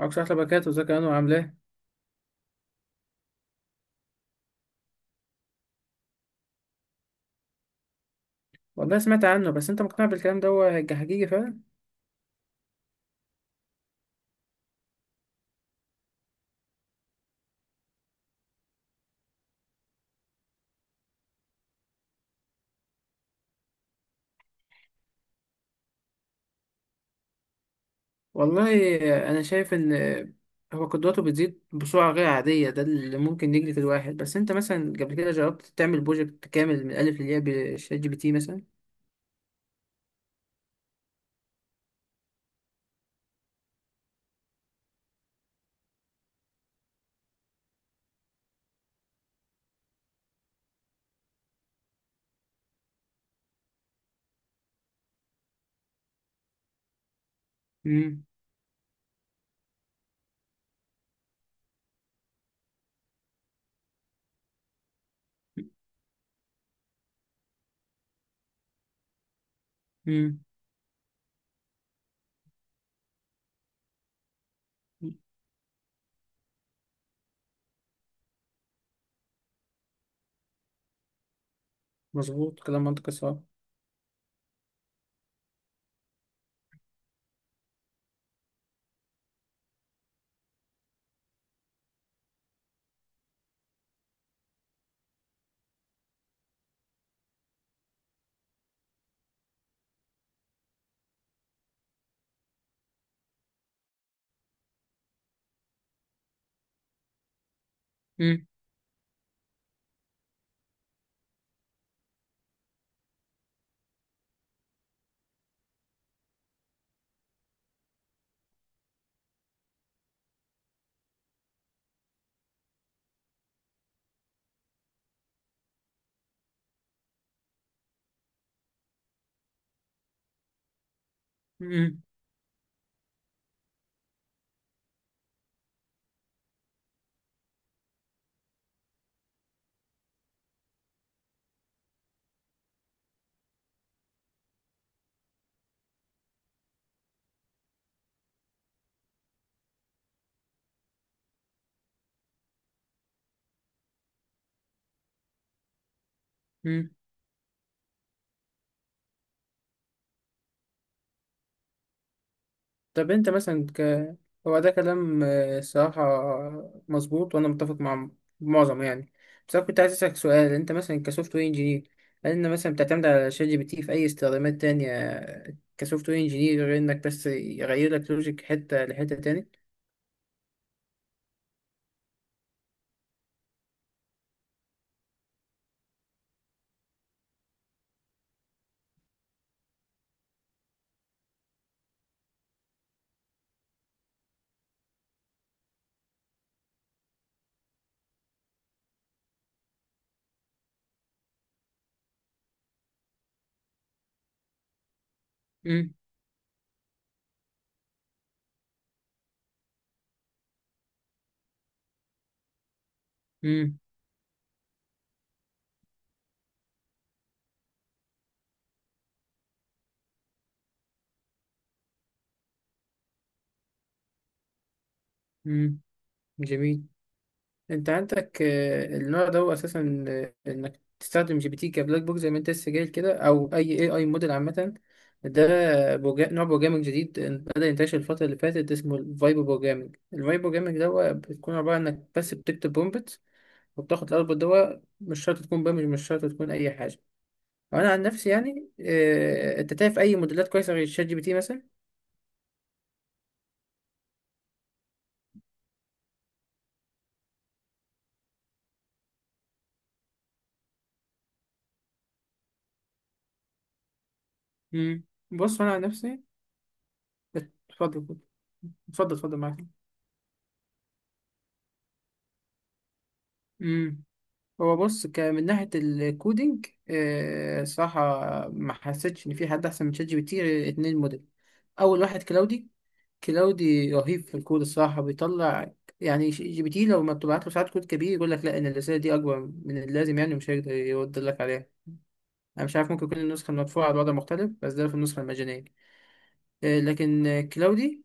معكش أحلى باكات وزكي أنو عاملاه إيه؟ والله سمعت عنه بس أنت مقتنع بالكلام ده هو حقيقي فعلا. والله أنا شايف إن هو قدراته بتزيد بسرعة غير عادية، ده اللي ممكن يجري في الواحد. بس أنت مثلا قبل كده جربت تعمل بروجكت كامل من الألف للياء بشات جي بي تي مثلا؟ امم امم مظبوط، كلام منطقي صح. امم طب انت مثلا هو ده كلام، الصراحة مظبوط، وانا متفق مع معظم، يعني. بس انا كنت عايز اسألك سؤال: انت مثلا كسوفت وير انجينير، هل انت مثلا بتعتمد على شات جي بي تي في اي استخدامات تانية كسوفت وير انجينير غير انك بس يغير لك لوجيك حتة لحتة تاني؟ امم امم امم جميل. انت عندك، النوع ده هو اساسا، انك تستخدم جي بي تي كبلاك بوك زي ما انت لسه جاي كده، او اي موديل عامه. ده نوع بروجرامنج جديد بدأ ينتشر الفتره اللي فاتت، اسمه الفايبو بروجرامنج. الفايبو بروجرامنج ده هو بتكون عباره عن انك بس بتكتب برومبت، وبتاخد الاوتبوت ده، مش شرط تكون برامج، مش شرط تكون اي حاجه. وانا عن نفسي يعني، انت تعرف اي موديلات كويسه غير شات جي بي تي مثلا؟ امم. بص انا عن نفسي. اتفضل، اتفضل اتفضل. معاك. هو بص، من ناحية الكودينج، صراحة ما حسيتش إن في حد أحسن من شات جي بي تي غير اتنين موديل. أول واحد كلاودي. كلاودي رهيب في الكود، الصراحة بيطلع، يعني. جي بي تي لو ما بتبعت له ساعات كود كبير يقول لك لا، إن الرسالة دي أكبر من اللازم يعني، ومش هيقدر يرد لك عليها. أنا مش عارف، ممكن يكون النسخة المدفوعة على الوضع مختلف، بس ده في النسخة المجانية. آه، لكن آه، كلاودي،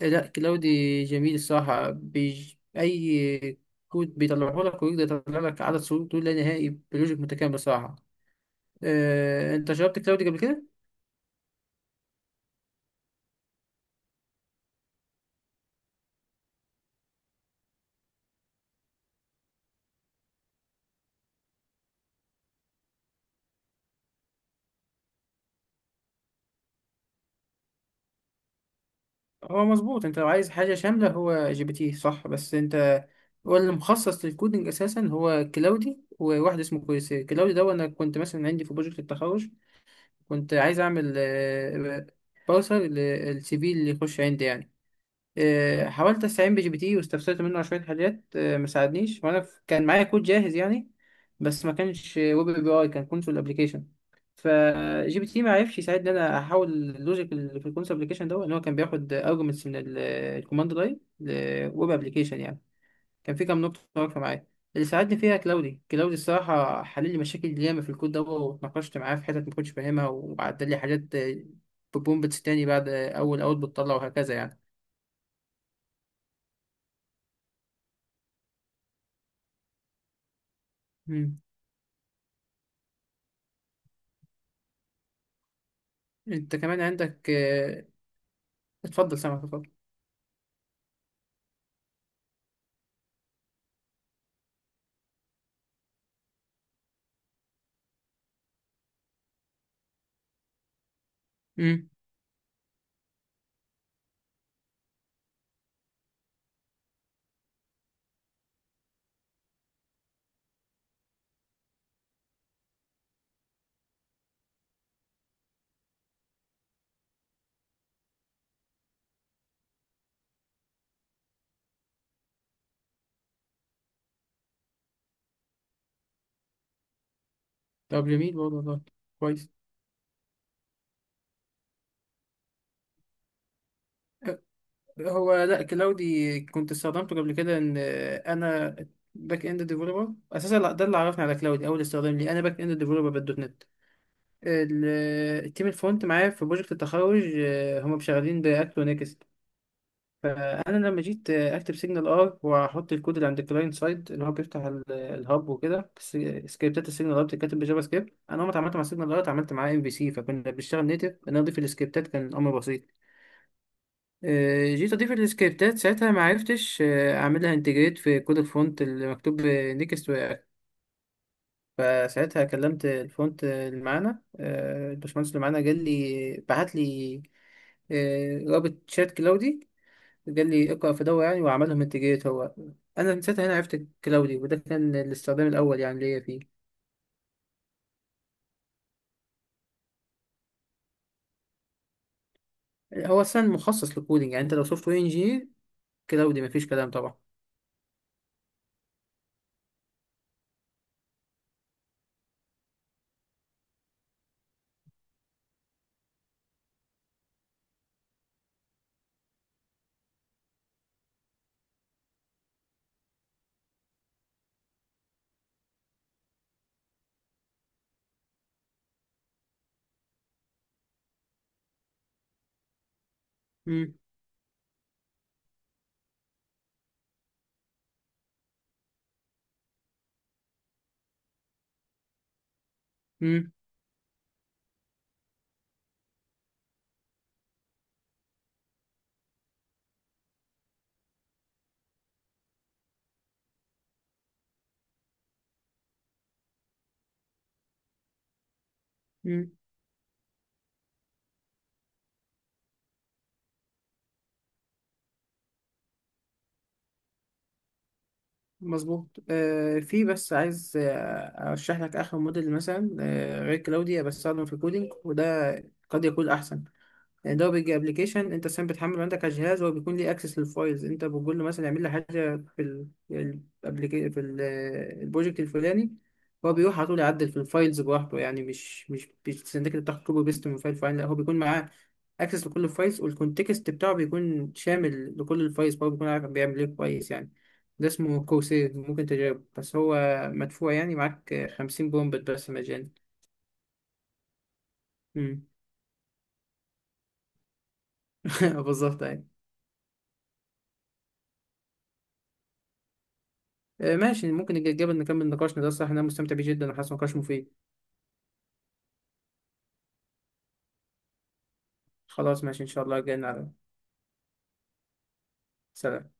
لا كلاودي جميل الصراحة، أي كود بيطلعه لك، ويقدر يطلع لك عدد صور دول لا نهائي بلوجيك متكامل الصراحة. أنت جربت كلاودي قبل كده؟ هو مظبوط، أنت لو عايز حاجة شاملة هو جي بي تي صح، بس أنت، هو اللي مخصص للكودينج أساسا هو كلاودي، وواحد اسمه كويسير. كلاودي ده أنا كنت مثلا عندي في بروجكت التخرج، كنت عايز أعمل بارسر للسي في اللي يخش عندي يعني. حاولت استعين بجي بي تي واستفسرت منه على شويه حاجات، ما ساعدنيش، وانا كان معايا كود جاهز يعني، بس ما كانش ويب اي بي اي، كان كونسول ابلكيشن. فجي بي تي ما عرفش يساعدني ان انا احول اللوجيك اللي في الكونسول ابلكيشن ده، ان هو كان بياخد ارجمنتس من الكوماند لاين لويب ابلكيشن يعني. كان في كام نقطه واقفه معايا، اللي ساعدني فيها كلاودي. كلاودي الصراحه حل لي مشاكل ياما في الكود ده، واتناقشت معاه في حتت ما كنتش فاهمها، وعدل لي حاجات، بومبتس تاني بعد اول اوت بتطلع، وهكذا. يعني انت كمان عندك، اتفضل سامعك اتفضل. امم. طب جميل برضه، والله كويس. هو لا، كلاودي كنت استخدمته قبل كده ان، انا باك اند ديفلوبر اساسا. لا، ده اللي عرفني على كلاودي، اول استخدام لي انا باك اند ديفلوبر بالدوت نت. التيم الفرونت معايا في بروجكت التخرج، هم شغالين باكت ونكست. فانا لما جيت اكتب سيجنال ار، واحط الكود اللي عند الكلاينت سايد، اللي هو بيفتح الهاب وكده بس. سكريبتات السيجنال ار بتتكتب بجافا سكريبت. انا اول ما اتعاملت مع سيجنال ار اتعاملت معاه ام في سي، فكنا بنشتغل نيتف، ان أنا اضيف السكريبتات كان امر بسيط. جيت اضيف السكريبتات ساعتها ما عرفتش، اعملها انتجريت في كود الفونت اللي مكتوب نيكست رياكت. فساعتها كلمت الفونت اللي معانا، الباشمهندس اللي معانا، قال لي، بعت لي، رابط شات كلاودي، قال لي اقرأ في دورة يعني، وعملهم انتجريت هو. انا من ساعتها هنا عرفت كلاودي، وده كان الاستخدام الاول يعني ليا فيه. هو اصلا مخصص للكودينج، يعني انت لو سوفت وير انجينير كلاودي مفيش كلام طبعا. امم امم امم مظبوط. آه، في بس عايز، ارشح لك اخر موديل مثلا، غير كلاودي، بستخدمه في الكودينج، وده قد يكون احسن. يعني ده بيجي ابلكيشن انت سام بتحمله عندك على الجهاز، هو بيكون ليه اكسس للفايلز، انت بتقول له مثلا اعمل لي حاجه في ال الابليكي في ال- البروجكت الفلاني، هو بيروح على طول يعدل في الفايلز براحته يعني. مش بيستناك انت تاخد كوبي بيست من فايل، لا هو بيكون معاه اكسس لكل الفايلز، والكونتكست بتاعه بيكون شامل لكل الفايلز، فهو بيكون عارف بيعمل ايه كويس يعني. ده اسمه كورسير، ممكن تجربه، بس هو مدفوع يعني، معاك 50 بومبت بس مجاني. مم. بالظبط أيوة. آه، ماشي، ممكن نتجنب نكمل نقاشنا ده، الصراحة أنا مستمتع بيه جدا وحاسس نقاش مفيد. خلاص ماشي إن شاء الله، جايين على. سلام.